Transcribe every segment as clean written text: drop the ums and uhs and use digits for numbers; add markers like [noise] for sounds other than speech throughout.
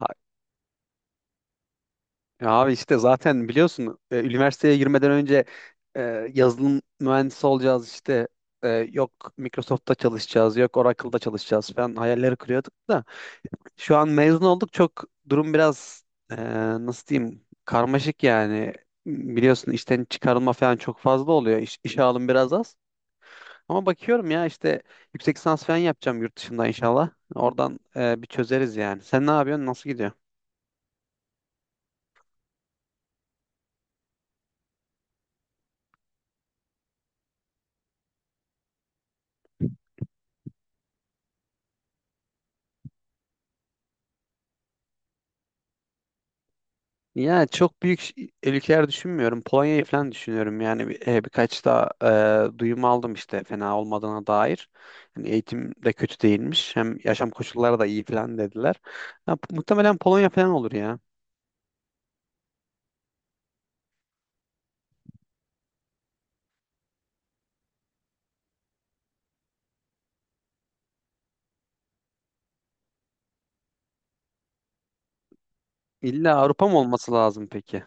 Ha- Ya abi işte zaten biliyorsun üniversiteye girmeden önce e, yazılım mühendisi olacağız işte yok Microsoft'ta çalışacağız yok Oracle'da çalışacağız falan hayalleri kuruyorduk da şu an mezun olduk çok durum biraz e, nasıl diyeyim karmaşık yani biliyorsun işten çıkarılma falan çok fazla oluyor. İş, işe alım biraz az. Ama bakıyorum ya işte yüksek lisans falan yapacağım yurt dışında inşallah. Oradan bir çözeriz yani. Sen ne yapıyorsun? Nasıl gidiyor? Ya çok büyük ülkeler düşünmüyorum. Polonya'yı falan düşünüyorum. Yani birkaç da duyum aldım işte fena olmadığına dair. Yani eğitim de kötü değilmiş. Hem yaşam koşulları da iyi falan dediler. Ya, muhtemelen Polonya falan olur ya. İlla Avrupa mı olması lazım peki?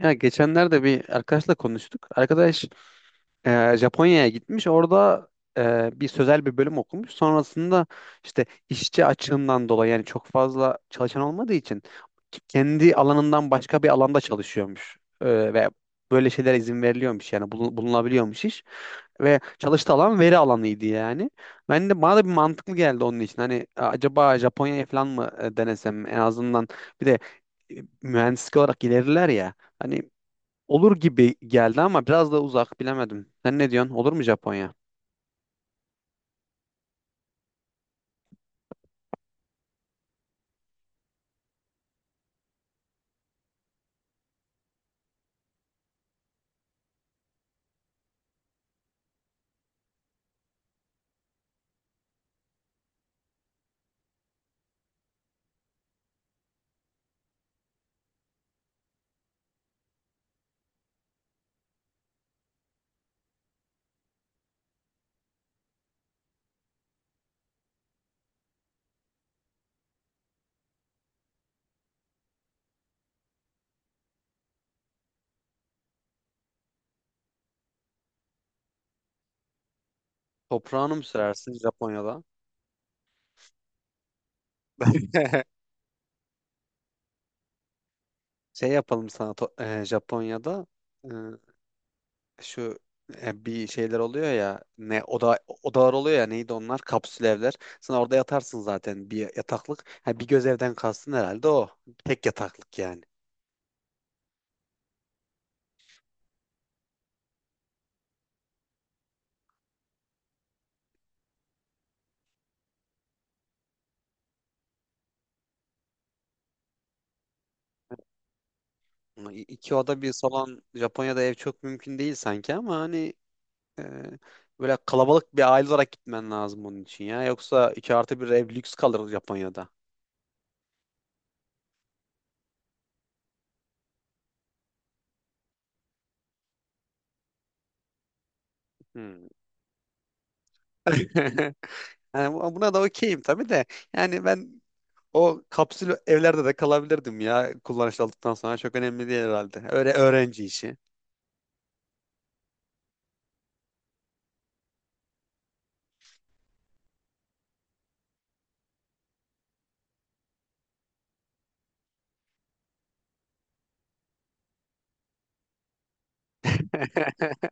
Ya geçenlerde bir arkadaşla konuştuk. Arkadaş Japonya'ya gitmiş. Orada bir sözel bir bölüm okumuş. Sonrasında işte işçi açığından dolayı yani çok fazla çalışan olmadığı için kendi alanından başka bir alanda çalışıyormuş. E, ve böyle şeyler izin veriliyormuş yani bulunabiliyormuş iş. Ve çalıştığı alan veri alanıydı yani. Ben de bana da bir mantıklı geldi onun için. Hani acaba Japonya'ya falan mı denesem, en azından bir de e, mühendislik olarak ilerler ya. Hani olur gibi geldi ama biraz da uzak, bilemedim. Sen ne diyorsun? Olur mu Japonya? Toprağını mı sürersin Japonya'da? [laughs] Şey yapalım sana Japonya'da e, şu bir şeyler oluyor ya, ne oda odalar, oluyor ya, neydi onlar, kapsül evler. Sen orada yatarsın zaten bir yataklık. Ha, bir göz evden kastın herhalde o. Tek yataklık yani. Ama İki oda bir salon Japonya'da ev çok mümkün değil sanki ama hani e, böyle kalabalık bir aile olarak gitmen lazım onun için ya. Yoksa iki artı bir ev lüks kalır Japonya'da. Hmm. [laughs] Yani buna da okeyim tabii de. Yani ben o kapsül evlerde de kalabilirdim ya, kullanışlı olduktan sonra. Çok önemli değil herhalde. Öyle öğrenci işi. [laughs]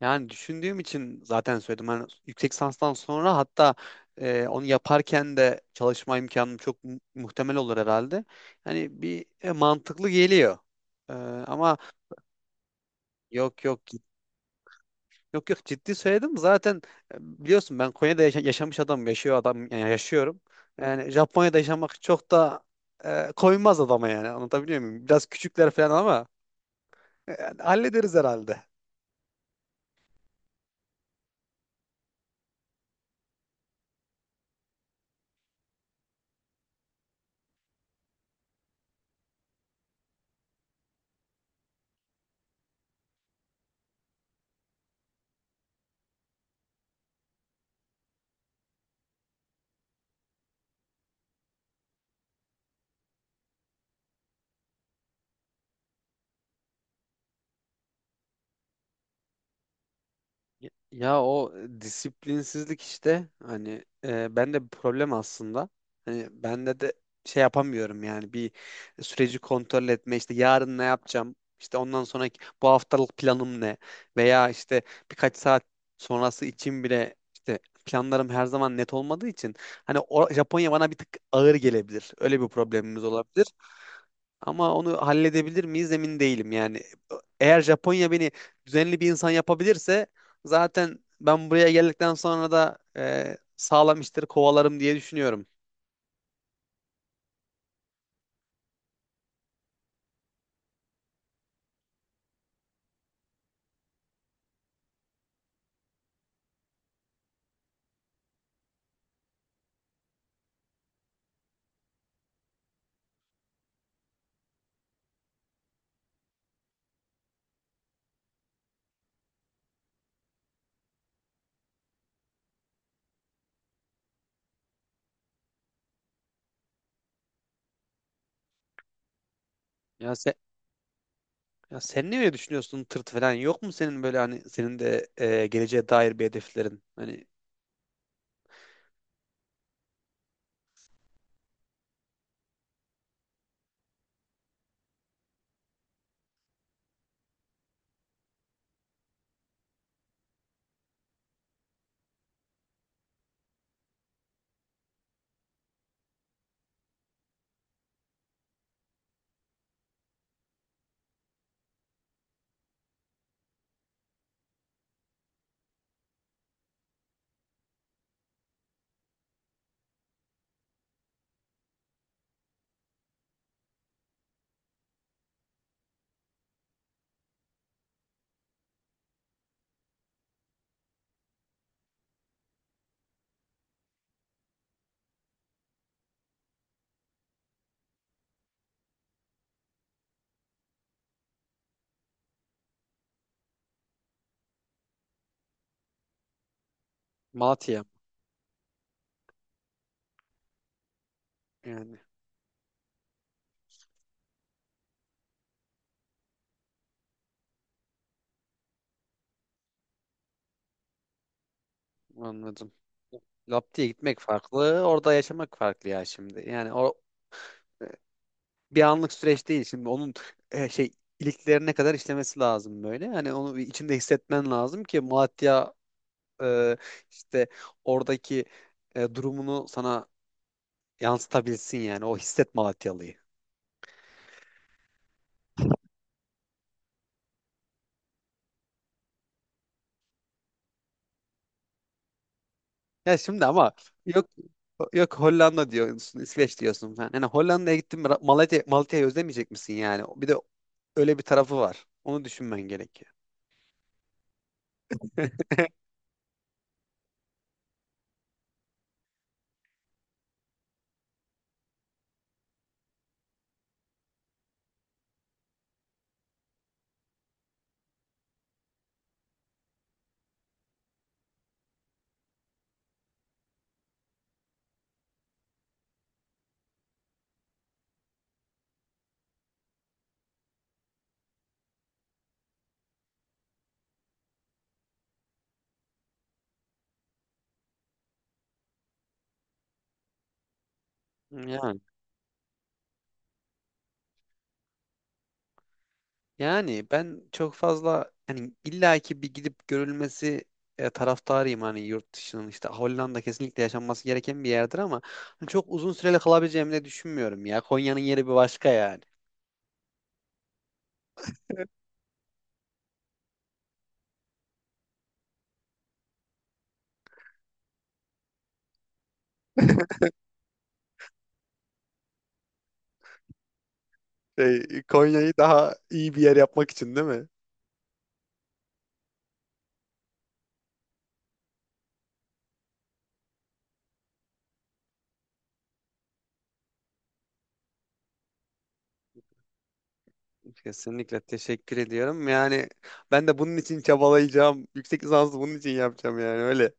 Yani düşündüğüm için zaten söyledim. Hani yüksek lisanstan sonra, hatta onu yaparken de çalışma imkanım çok muhtemel olur herhalde. Hani bir mantıklı geliyor. E, ama yok, Yok, ciddi söyledim. Zaten biliyorsun ben Konya'da yaşa- yaşamış adam yaşıyor adam yani, yaşıyorum. Yani Japonya'da yaşamak çok da koymaz adama yani. Anlatabiliyor muyum? Biraz küçükler falan ama yani hallederiz herhalde. Ya o disiplinsizlik işte, hani ben de bir problem aslında. Hani bende de şey yapamıyorum yani, bir süreci kontrol etme, işte yarın ne yapacağım, işte ondan sonraki bu haftalık planım ne, veya işte birkaç saat sonrası için bile işte planlarım her zaman net olmadığı için hani o, Japonya bana bir tık ağır gelebilir. Öyle bir problemimiz olabilir. Ama onu halledebilir miyiz emin değilim yani. Eğer Japonya beni düzenli bir insan yapabilirse zaten ben buraya geldikten sonra da sağlam işleri kovalarım diye düşünüyorum. Ya, ya sen ne öyle düşünüyorsun, tırt falan yok mu senin, böyle hani senin de geleceğe dair bir hedeflerin? Hani Malatya yani, anladım. Lap diye gitmek farklı, orada yaşamak farklı ya şimdi. Yani o e, bir anlık süreç değil şimdi, onun şey iliklerine kadar işlemesi lazım böyle. Hani onu bir içinde hissetmen lazım ki Malatya e, işte oradaki durumunu sana yansıtabilsin yani. O hisset Malatyalı'yı. Ya şimdi ama yok yok, Hollanda diyorsun, İsveç diyorsun falan. Yani Hollanda'ya gittin mi Malatya'yı özlemeyecek misin yani? Bir de öyle bir tarafı var. Onu düşünmen gerekiyor. Yani. Yani ben çok fazla hani illaki bir gidip görülmesi taraftarıyım, hani yurt dışının, işte Hollanda kesinlikle yaşanması gereken bir yerdir ama hani çok uzun süreli kalabileceğimi de düşünmüyorum ya. Konya'nın yeri bir başka yani. [laughs] Şey, Konya'yı daha iyi bir yer yapmak için değil mi? Kesinlikle teşekkür ediyorum. Yani ben de bunun için çabalayacağım. Yüksek lisansı bunun için yapacağım yani, öyle.